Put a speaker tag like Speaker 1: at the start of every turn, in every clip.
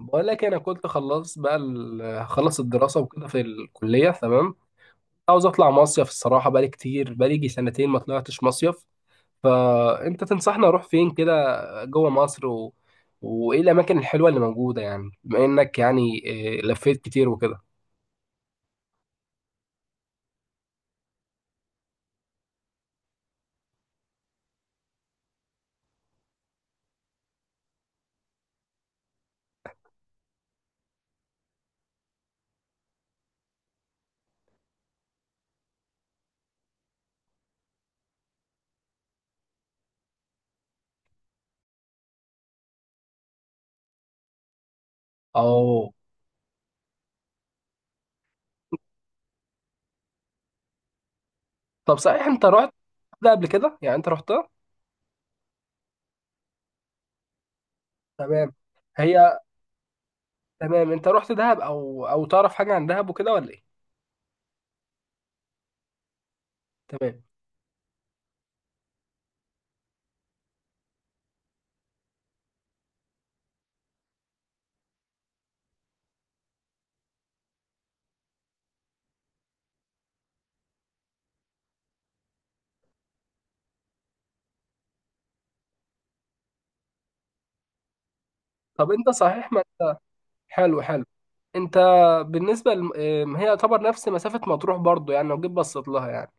Speaker 1: بقول لك إيه، انا كنت خلصت بقى هخلص الدراسه وكده في الكليه. تمام، عاوز اطلع مصيف الصراحه، بقالي كتير، بقالي يجي سنتين ما طلعتش مصيف. فانت تنصحني اروح فين كده، جوه مصر وايه الاماكن الحلوه اللي موجوده، يعني بما انك يعني إيه، لفيت كتير وكده. اه. طب صحيح انت رحت ده قبل كده؟ يعني انت رحتها؟ تمام. هي تمام، انت رحت دهب او تعرف حاجه عن دهب وكده ولا ايه؟ تمام. طب انت صحيح ما... حلو حلو. انت بالنسبه لم... ام، هي يعتبر نفس مسافه مطروح برضو، يعني لو جيت بصيت لها يعني.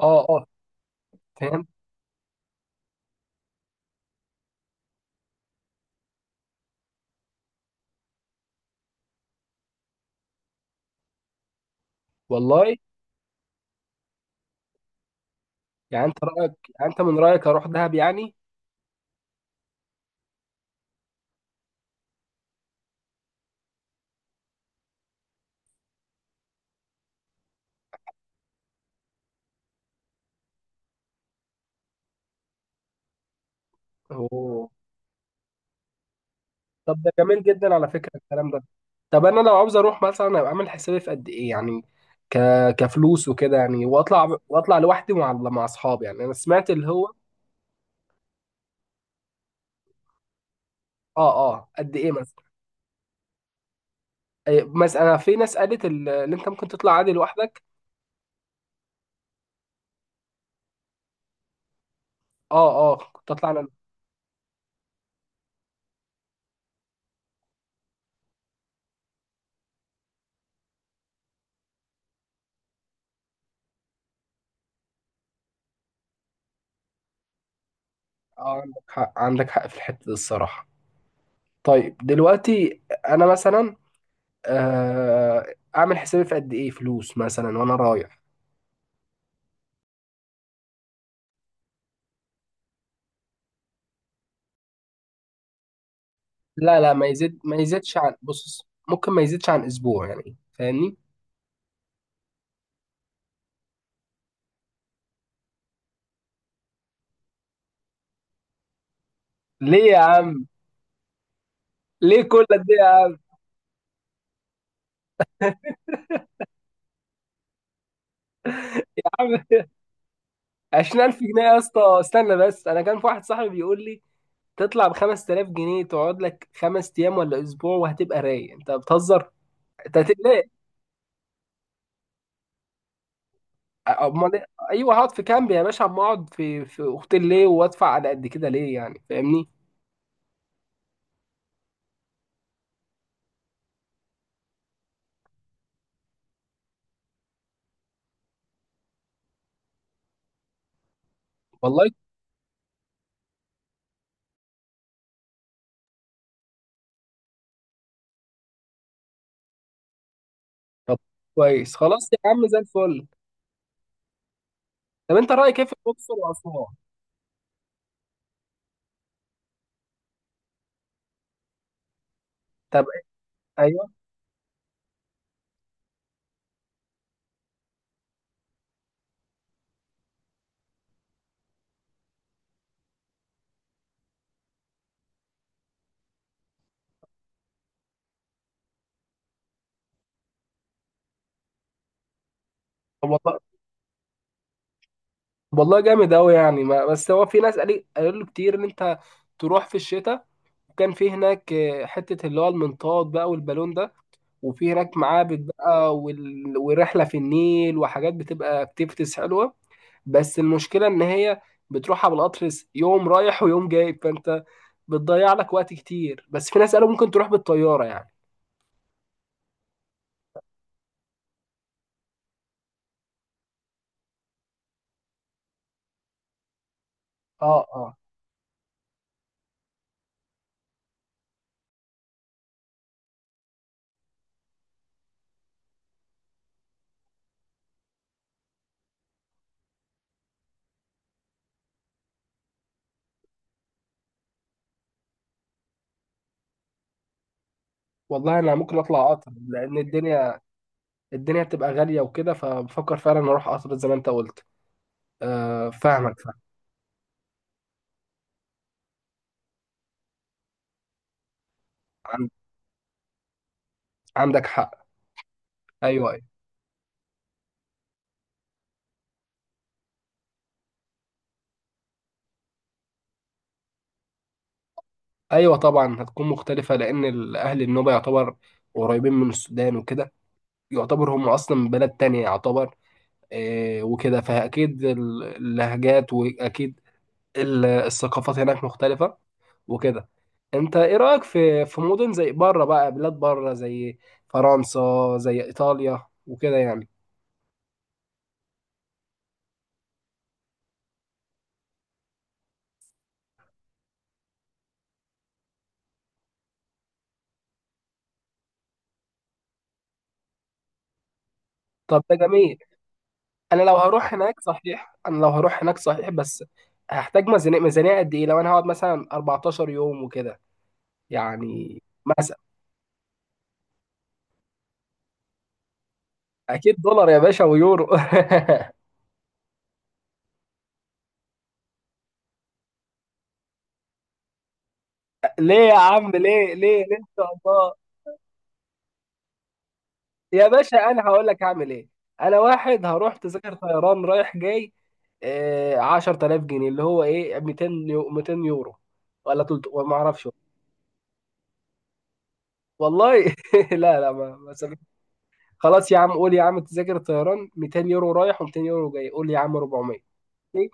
Speaker 1: اه اه. فهمت. والله يعني انت رايك، يعني انت من رايك اروح دهب يعني؟ اوه. طب ده جميل جدا على فكره الكلام ده. طب انا لو عاوز اروح، مثلا ابقى عامل حسابي في قد ايه يعني، ك... كفلوس وكده يعني، واطلع لوحدي مع اصحابي يعني؟ انا سمعت اللي هو... اه اه، قد ايه مثلا؟ مثلا في ناس قالت اللي انت ممكن تطلع عادي لوحدك. اه اه، كنت اطلع انا. اه، عندك حق عندك حق في الحتة دي الصراحة. طيب دلوقتي أنا مثلا أعمل حسابي في قد إيه فلوس مثلا وأنا رايح؟ لا لا، ما يزيدش عن، بص، ممكن ما يزيدش عن أسبوع يعني، فاهمني؟ ليه يا عم؟ ليه كل ده يا عم؟ 20000 جنيه يا اسطى؟ استنى بس، أنا كان في واحد صاحبي بيقول لي تطلع ب 5000 جنيه تقعد لك 5 أيام ولا أسبوع وهتبقى رايق. أنت بتهزر، أنت هتقلق. امال إيه؟ ايوه هقعد في كامب يا باشا، اما اقعد في اوتيل ليه وادفع على قد كده ليه، يعني فاهمني؟ والله. طب كويس، خلاص يا عم، زي الفل. طب انت رايك ايه في الاقصر واسوان؟ طب، ايوه. طب والله، والله جامد قوي يعني. ما بس هو في ناس قالوا له كتير ان انت تروح في الشتاء، وكان في هناك حته اللي هو المنطاد بقى والبالون ده، وفي هناك معابد بقى ورحله في النيل وحاجات بتبقى اكتيفيتيز حلوه. بس المشكلة إن هي بتروحها بالقطر، يوم رايح ويوم جاي، فأنت بتضيع لك وقت كتير. بس في ناس قالوا ممكن تروح بالطيارة يعني. اه اه. والله أنا ممكن أطلع قطر لأن الدنيا بتبقى غالية وكده، فبفكر فعلا أروح قطر زي ما أنت قلت. فاهم. عن- عندك حق. أيوه أيوه. أيوه طبعا هتكون مختلفة، لأن أهل النوبة يعتبر قريبين من السودان وكده، يعتبر هم أصلا من بلد تانية يعتبر. وكده، فأكيد اللهجات، وأكيد الثقافات هناك مختلفة وكده. انت ايه رأيك في مدن زي بره بقى، بلاد بره زي فرنسا، زي ايطاليا وكده يعني؟ طب ده جميل. انا لو هروح هناك صحيح، بس هحتاج ميزانية، قد ايه لو انا هقعد مثلا 14 يوم وكده يعني؟ مثلا اكيد دولار يا باشا ويورو. ليه يا عم؟ ليه ليه ليه؟ ان شاء الله يا باشا، انا هقول لك هعمل ايه. انا واحد هروح تذاكر طيران رايح جاي 10000 جنيه، اللي هو ايه، 200 200 يورو ولا 300 ولا ما اعرفش. والله. لا لا، ما سمعت. خلاص يا عم، قول يا عم تذاكر الطيران 200 يورو رايح و200 يورو جاي، قول يا عم 400. إيه؟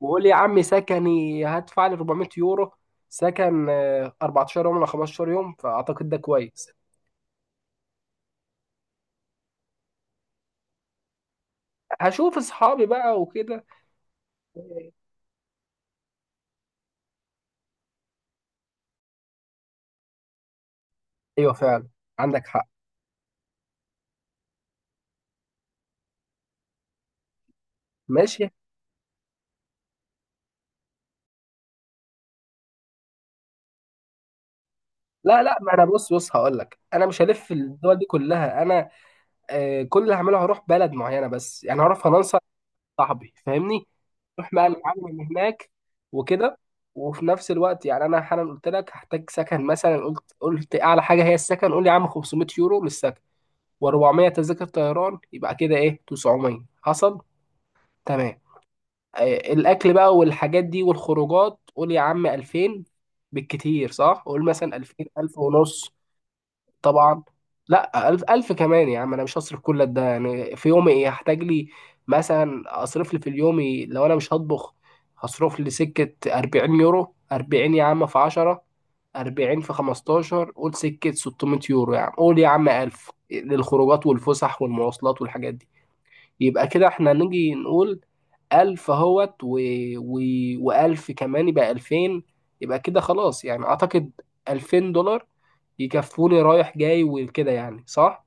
Speaker 1: وقول يا عم سكني هدفع لي 400 يورو سكن، 14 يوم ولا 15 يوم، فاعتقد ده كويس. هشوف اصحابي بقى وكده. ايوه فعلا، عندك حق، ماشي. لا لا، ما انا بص هقول لك، انا مش هلف الدول دي كلها. انا كل اللي هعمله هروح بلد معينه بس يعني، هروح فرنسا، صاحبي فاهمني، روح بقى نتعلم من هناك وكده. وفي نفس الوقت يعني انا حالا قلت لك هحتاج سكن، مثلا قلت اعلى حاجه هي السكن، قول لي يا عم 500 يورو للسكن و400 تذاكر طيران، يبقى كده ايه 900، حصل تمام. الاكل بقى والحاجات دي والخروجات، قول يا عم 2000، بالكتير، صح؟ قول مثلا 2000 1000 ونص. طبعا. لا، ألف ألف كمان يا عم، أنا مش هصرف كل ده يعني. في يومي إيه هحتاج لي؟ مثلا أصرف لي في اليومي لو أنا مش هطبخ، هصرف لي سكة 40 يورو، 40 يا عم في 10، 40 في 15، قول سكة 600 يورو، يا عم قول يا عم 1000 للخروجات والفسح والمواصلات والحاجات دي. يبقى كده احنا نيجي نقول 1000 اهوت و... وألف كمان، يبقى 2000. يبقى كده خلاص يعني، أعتقد 2000 دولار يكفوني رايح جاي وكده، يعني صح؟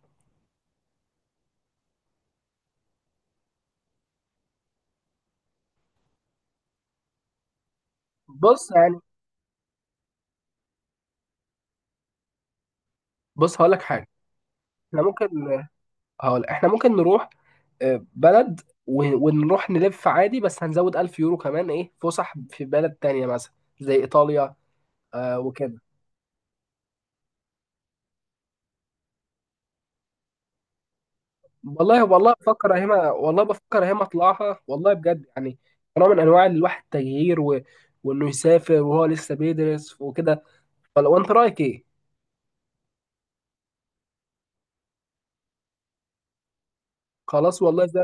Speaker 1: بص يعني، بص هقولك حاجة، احنا ممكن، هقول احنا ممكن نروح بلد ونروح نلف عادي، بس هنزود 1000 يورو كمان ايه، فسح في بلد تانية مثلا زي إيطاليا وكده. والله والله بفكر اهيمها، والله بفكر اهيمها، اطلعها والله بجد يعني، نوع من انواع الواحد التغيير وانه يسافر وهو لسه بيدرس وكده، ولا وانت رايك ايه؟ خلاص والله زي...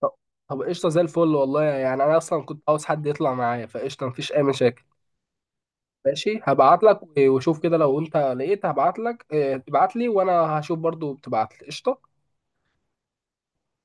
Speaker 1: طب، طب قشطه زي الفل والله يعني، انا اصلا كنت عاوز حد يطلع معايا، فقشطه مفيش اي مشاكل. ماشي، هبعت لك وشوف كده لو انت لقيت، هبعت لك ابعت لي وانا هشوف برضو، بتبعت لي قشطه.